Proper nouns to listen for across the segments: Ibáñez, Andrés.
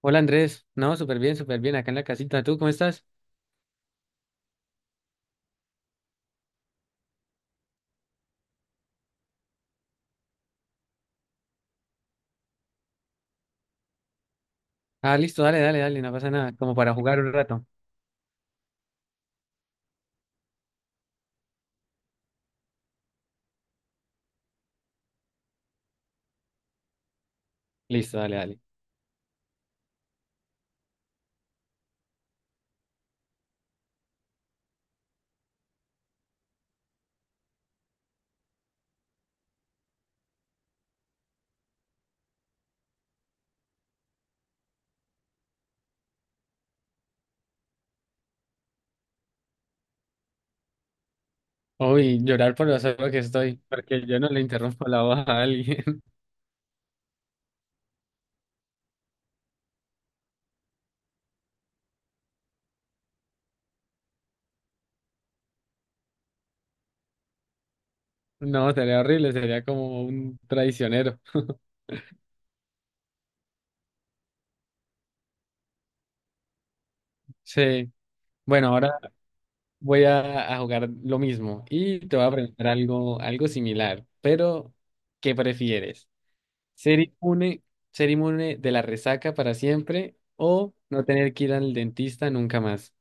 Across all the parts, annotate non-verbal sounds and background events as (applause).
Hola Andrés, no, súper bien, acá en la casita. ¿Tú cómo estás? Ah, listo, dale, dale, dale, no pasa nada, como para jugar un rato. Listo, dale, dale. Uy, llorar por lo solo que estoy, porque yo no le interrumpo la voz a alguien. (laughs) No, sería horrible, sería como un traicionero. Sí, bueno, ahora voy a jugar lo mismo y te voy a preguntar algo similar, pero ¿qué prefieres? ¿Ser inmune, ser inmune de la resaca para siempre o no tener que ir al dentista nunca más?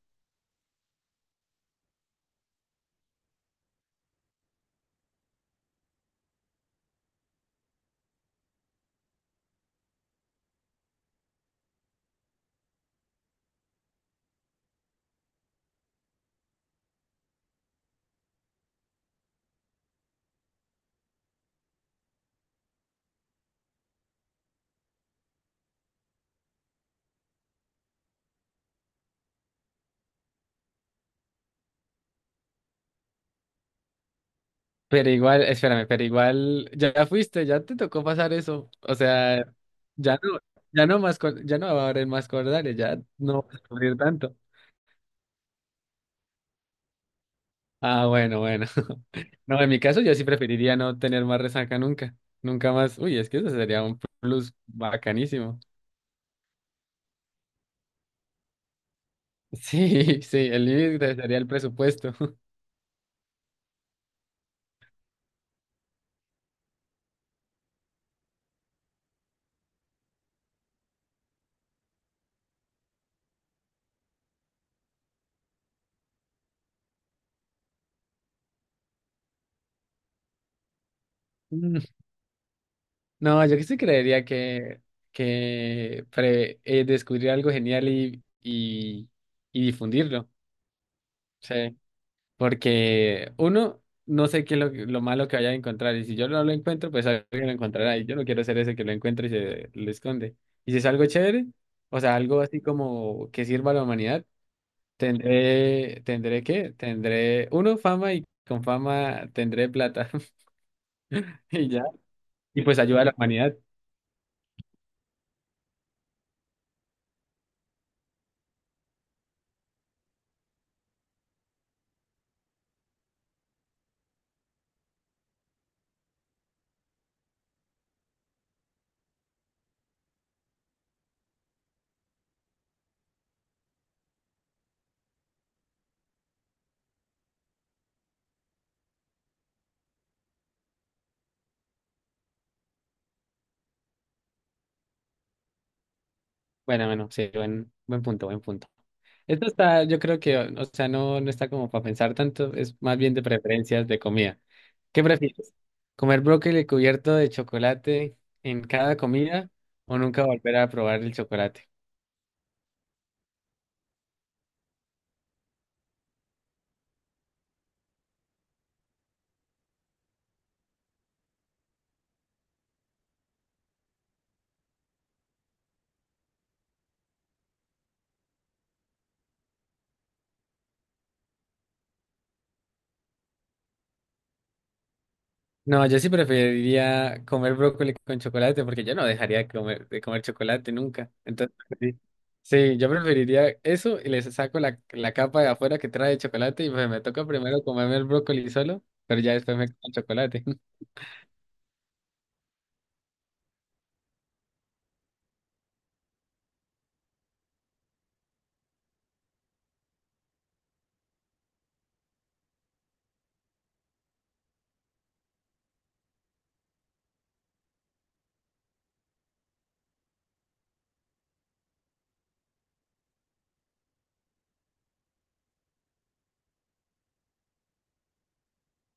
Pero igual, espérame, pero igual ya fuiste, ya te tocó pasar eso. O sea, ya no, ya no más, ya no va a haber más cordales, ya no vas a sufrir tanto. Ah, bueno, bueno. (laughs) No, en mi caso yo sí preferiría no tener más resaca nunca. Nunca más. Uy, es que eso sería un plus bacanísimo. Sí, (laughs) sí, el límite sería el presupuesto. (laughs) Mm, No, yo que sí creería que descubrir algo genial y difundirlo. Sí. Porque uno, no sé qué es lo malo que vaya a encontrar. Y si yo no lo encuentro, pues alguien lo encontrará. Y yo no quiero ser ese que lo encuentre y se lo esconde. Y si es algo chévere, o sea, algo así como que sirva a la humanidad, tendré, ¿tendré qué? Tendré, uno, fama y con fama tendré plata. (laughs) Y ya. Y pues ayuda a la humanidad. Bueno, bueno, sí, buen punto, buen punto. Esto está, yo creo que, o sea, no, no está como para pensar tanto, es más bien de preferencias de comida. ¿Qué prefieres? ¿Comer brócoli cubierto de chocolate en cada comida o nunca volver a probar el chocolate? No, yo sí preferiría comer brócoli con chocolate porque yo no dejaría de comer chocolate nunca. Entonces, sí, sí, yo preferiría eso y les saco la capa de afuera que trae chocolate y pues me toca primero comerme el brócoli solo, pero ya después me como el chocolate. (laughs)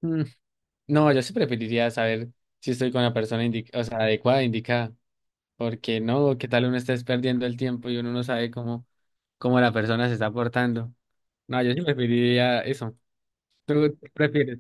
Mm, No, yo sí preferiría saber si estoy con la persona o sea, adecuada, indicada, porque no, qué tal uno estés perdiendo el tiempo y uno no sabe cómo la persona se está portando. No, yo sí preferiría eso. ¿Tú qué prefieres?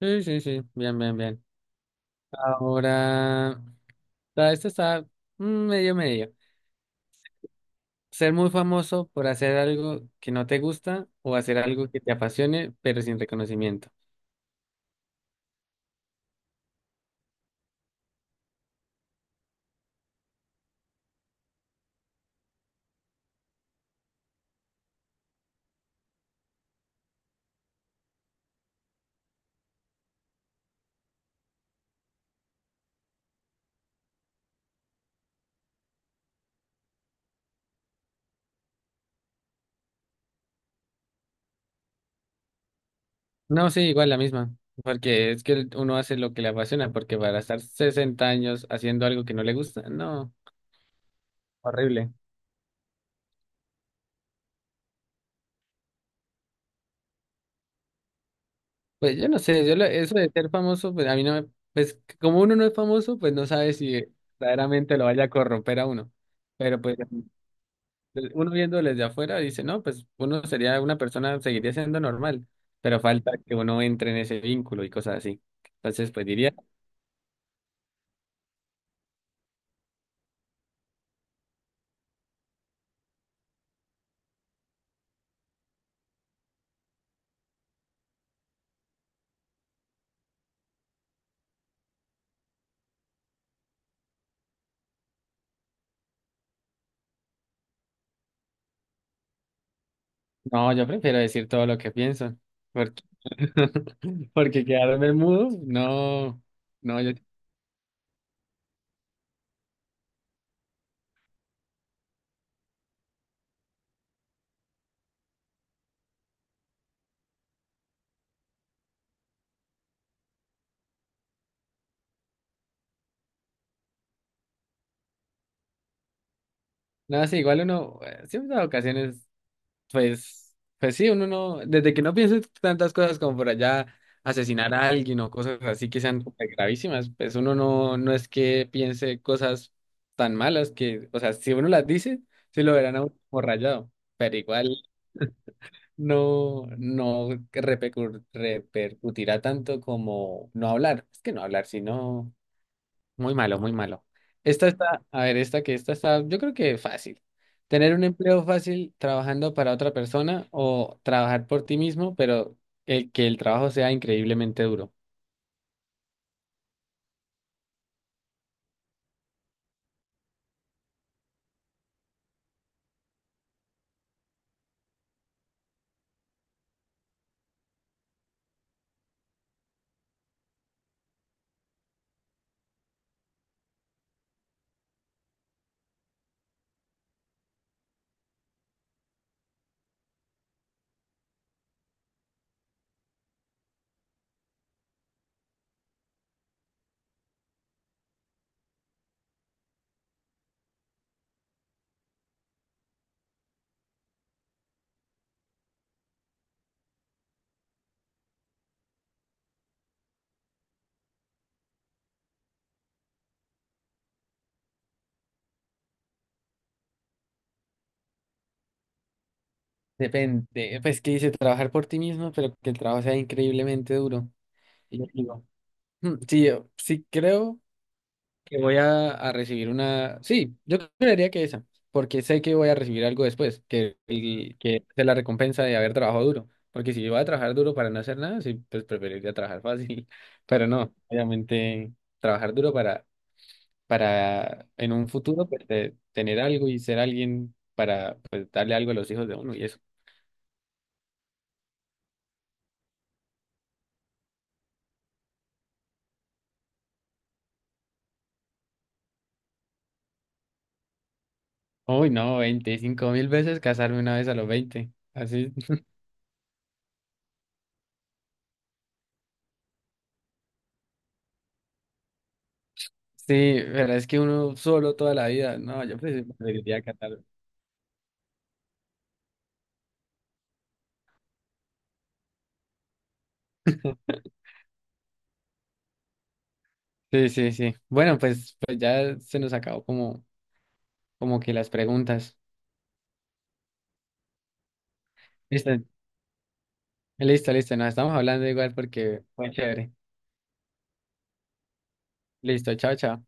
Sí, sí, sí, bien, bien, bien. Ahora, ah, esto está medio medio. Ser muy famoso por hacer algo que no te gusta o hacer algo que te apasione, pero sin reconocimiento. No, sí, igual la misma, porque es que uno hace lo que le apasiona, porque para estar 60 años haciendo algo que no le gusta, no, horrible. Pues yo no sé, eso de ser famoso, pues a mí no me, pues como uno no es famoso, pues no sabe si verdaderamente lo vaya a corromper a uno. Pero pues uno viéndolo desde afuera dice, no, pues uno sería una persona, seguiría siendo normal, pero falta que uno entre en ese vínculo y cosas así. Entonces, pues diría, no, yo prefiero decir todo lo que pienso, porque, (laughs) porque quedarme mudo, no, no, yo, no, sí, igual uno, siempre hay ocasiones. Pues, uno no, desde que no piense tantas cosas como por allá asesinar a alguien o cosas así que sean súper gravísimas, pues uno no, no es que piense cosas tan malas que, o sea, si uno las dice, sí lo verán a uno como rayado, pero igual no, no repercutirá tanto como no hablar. Es que no hablar, sino muy malo, muy malo. Esta está, a ver, esta que esta está, yo creo que fácil. Tener un empleo fácil trabajando para otra persona o trabajar por ti mismo, pero el que el trabajo sea increíblemente duro. Depende, pues que dice trabajar por ti mismo, pero que el trabajo sea increíblemente duro. Y yo digo, sí, yo sí creo que voy a recibir una... Sí, yo creería que esa, porque sé que voy a recibir algo después, que, que es la recompensa de haber trabajado duro, porque si voy a trabajar duro para no hacer nada, sí, pues preferiría trabajar fácil, (laughs) pero no, obviamente trabajar duro para en un futuro pues, tener algo y ser alguien para pues, darle algo a los hijos de uno y eso. Uy, no, 25.000 veces casarme una vez a los 20 así. (laughs) Sí, pero es que uno solo toda la vida, no, yo preferiría casarme. Sí, sí, sí. Bueno, pues, ya se nos acabó como, como que las preguntas. Listo, listo, listo. Nos estamos hablando igual porque fue chévere. Listo, chao, chao.